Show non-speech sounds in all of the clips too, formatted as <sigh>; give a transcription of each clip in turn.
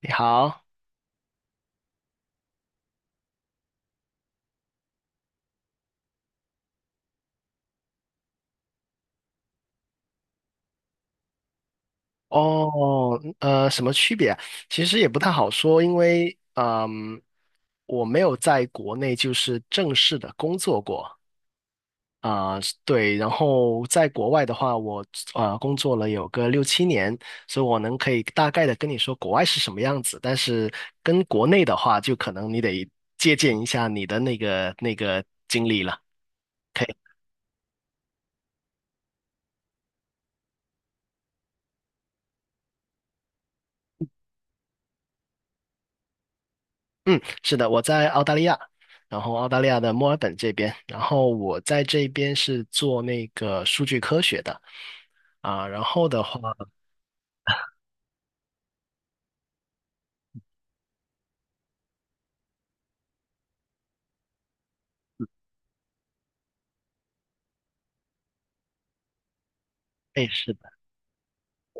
你好，哦，什么区别啊。其实也不太好说，因为我没有在国内就是正式的工作过。啊，对，然后在国外的话，我工作了有个六七年，所以我可以大概的跟你说国外是什么样子，但是跟国内的话，就可能你得借鉴一下你的那个经历了。嗯，是的，我在澳大利亚，然后澳大利亚的墨尔本这边，然后我在这边是做那个数据科学的啊，然后的话，哎，是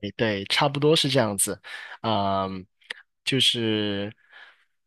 对，对差不多是这样子。嗯，就是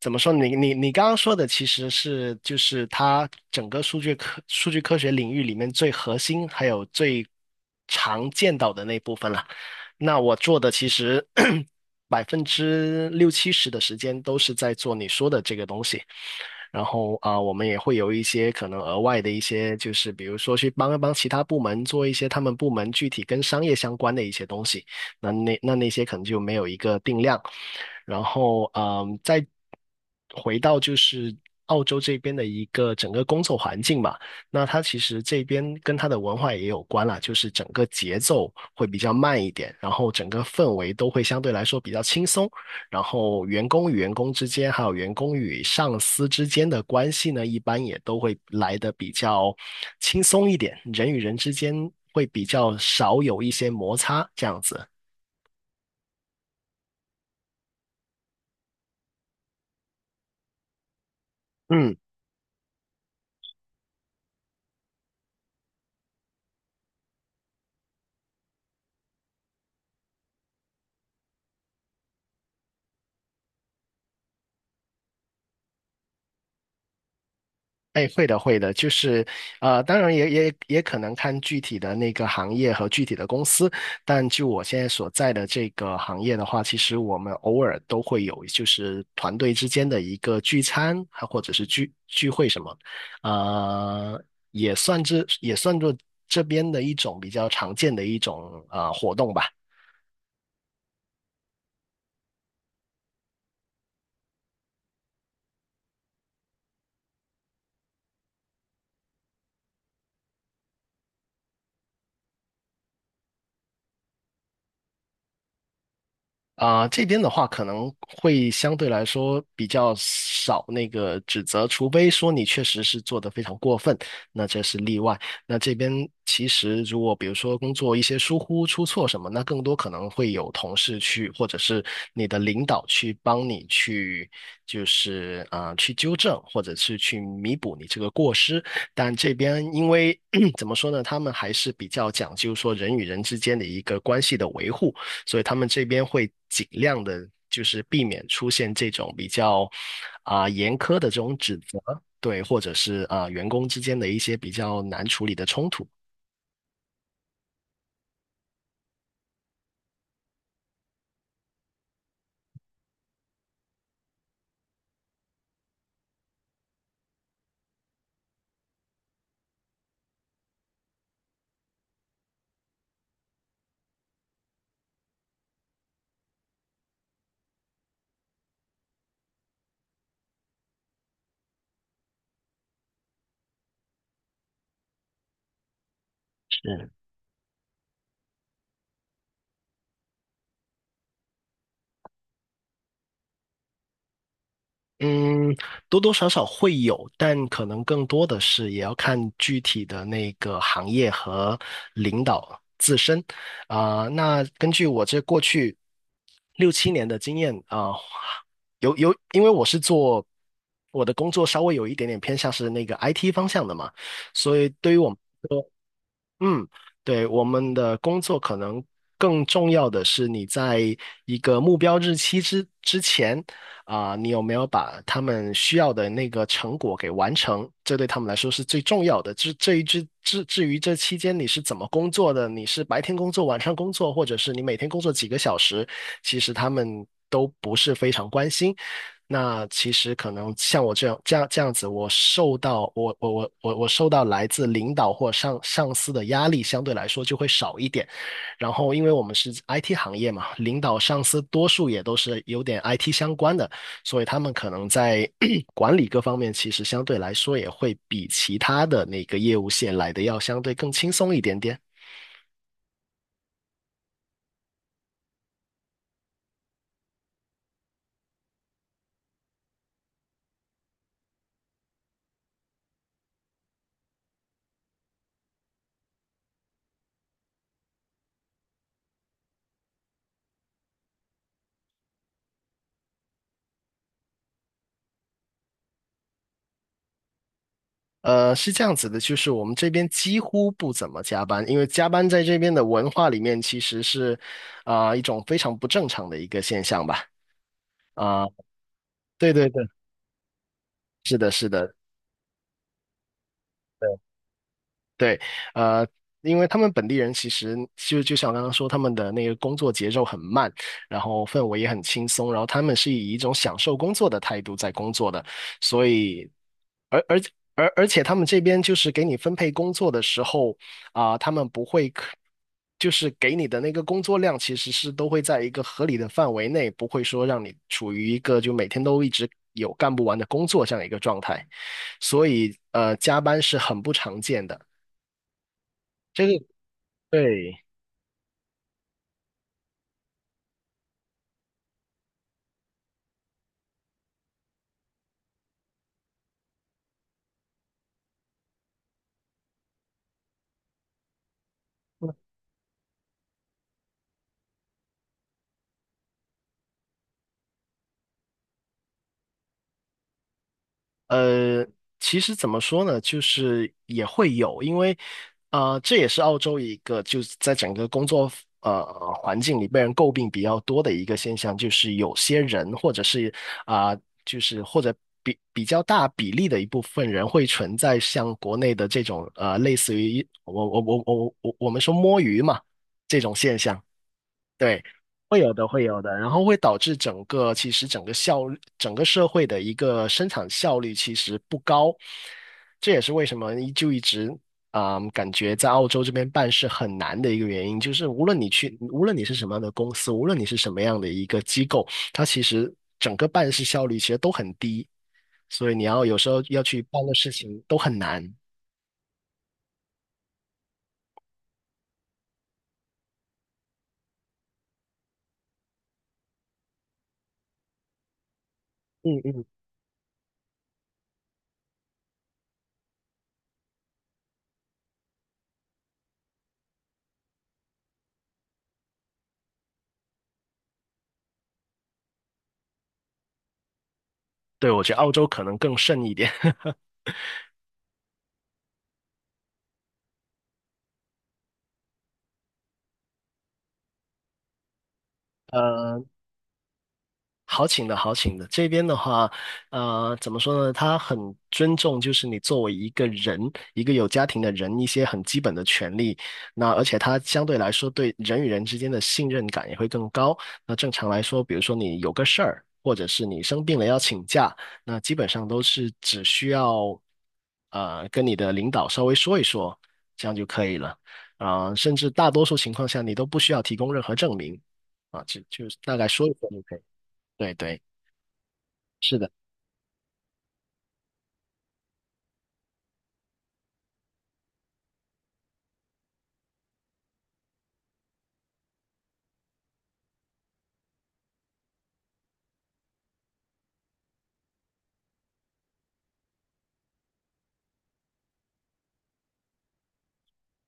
怎么说？你刚刚说的其实是就是它整个数据科学领域里面最核心还有最常见到的那部分了。那我做的其实 <clears throat> 60%~70%的时间都是在做你说的这个东西。然后我们也会有一些可能额外的一些，就是比如说去帮一帮其他部门做一些他们部门具体跟商业相关的一些东西。那些可能就没有一个定量。然后再回到就是澳洲这边的一个整个工作环境吧。那它其实这边跟它的文化也有关啦，就是整个节奏会比较慢一点，然后整个氛围都会相对来说比较轻松。然后员工与员工之间，还有员工与上司之间的关系呢，一般也都会来的比较轻松一点，人与人之间会比较少有一些摩擦，这样子。嗯。哎，会的，会的，就是，当然也可能看具体的那个行业和具体的公司，但就我现在所在的这个行业的话，其实我们偶尔都会有，就是团队之间的一个聚餐，还或者是聚会什么，呃，也算作这边的一种比较常见的一种活动吧。这边的话可能会相对来说比较少那个指责，除非说你确实是做得非常过分，那这是例外。那这边其实如果比如说工作一些疏忽出错什么，那更多可能会有同事去，或者是你的领导去帮你去，就是去纠正，或者是去弥补你这个过失。但这边因为 <clears throat> 怎么说呢，他们还是比较讲究说人与人之间的一个关系的维护。所以他们这边会尽量的，就是避免出现这种比较严苛的这种指责，对，或者是员工之间的一些比较难处理的冲突。嗯，多多少少会有，但可能更多的是也要看具体的那个行业和领导自身。那根据我这过去六七年的经验有，因为我是做我的工作稍微有一点点偏向是那个 IT 方向的嘛，所以对于我们。嗯，对，我们的工作可能更重要的是你在一个目标日期之前你有没有把他们需要的那个成果给完成？这对他们来说是最重要的。至于这期间你是怎么工作的，你是白天工作、晚上工作，或者是你每天工作几个小时，其实他们都不是非常关心。那其实可能像我这样子，我受到我我我我我受到来自领导或上司的压力相对来说就会少一点。然后，因为我们是 IT 行业嘛，领导上司多数也都是有点 IT 相关的，所以他们可能在 <clears throat> 管理各方面其实相对来说也会比其他的那个业务线来的要相对更轻松一点点。是这样子的，就是我们这边几乎不怎么加班，因为加班在这边的文化里面其实是，一种非常不正常的一个现象吧。啊、对对对，是的，是的。对。对，呃，因为他们本地人其实就就像我刚刚说，他们的那个工作节奏很慢，然后氛围也很轻松，然后他们是以一种享受工作的态度在工作的，所以，而而而且他们这边就是给你分配工作的时候，啊、他们不会可，就是给你的那个工作量其实是都会在一个合理的范围内，不会说让你处于一个就每天都一直有干不完的工作这样一个状态，所以加班是很不常见的。这个。对，呃，其实怎么说呢，就是也会有，因为啊，这也是澳洲一个就是在整个工作呃环境里被人诟病比较多的一个现象，就是有些人或者是啊、就是或者比较大比例的一部分人会存在像国内的这种类似于我们说摸鱼嘛这种现象。对，会有的，会有的，然后会导致整个其实整个效率，整个社会的一个生产效率其实不高，这也是为什么一直感觉在澳洲这边办事很难的一个原因，就是无论你去，无论你是什么样的公司，无论你是什么样的一个机构，它其实整个办事效率其实都很低，所以你要有时候要去办的事情都很难。嗯嗯，对，我觉得澳洲可能更甚一点。<laughs> 呃，好请的，好请的。这边的话，怎么说呢？他很尊重，就是你作为一个人，一个有家庭的人，一些很基本的权利。那而且他相对来说对人与人之间的信任感也会更高。那正常来说，比如说你有个事儿，或者是你生病了要请假，那基本上都是只需要跟你的领导稍微说一说，这样就可以了。甚至大多数情况下，你都不需要提供任何证明啊，就大概说一说就可以了。对对，是的。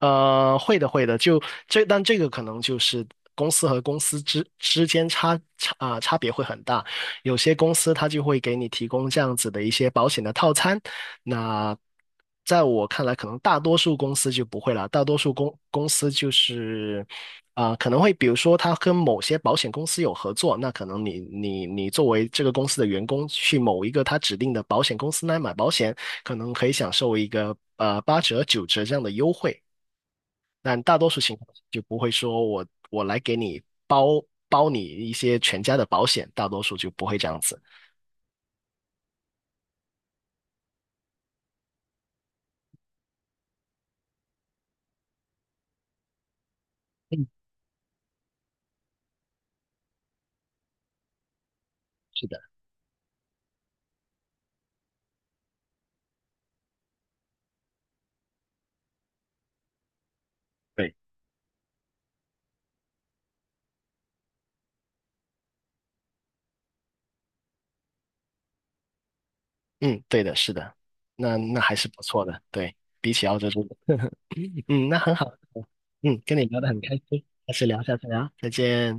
会的，会的，但这个可能就是公司和公司之间差别会很大。有些公司它就会给你提供这样子的一些保险的套餐，那在我看来，可能大多数公司就不会啦。大多数公司就是可能会比如说他跟某些保险公司有合作，那可能你作为这个公司的员工去某一个他指定的保险公司来买保险，可能可以享受一个八折九折这样的优惠。但大多数情况下就不会说我来给你包你一些全家的保险，大多数就不会这样子。嗯，是的，对，嗯，对的，是的，那还是不错的，对，比起澳洲这边，嗯，那很好，嗯，跟你聊得很开心，下次聊，下次聊，再见。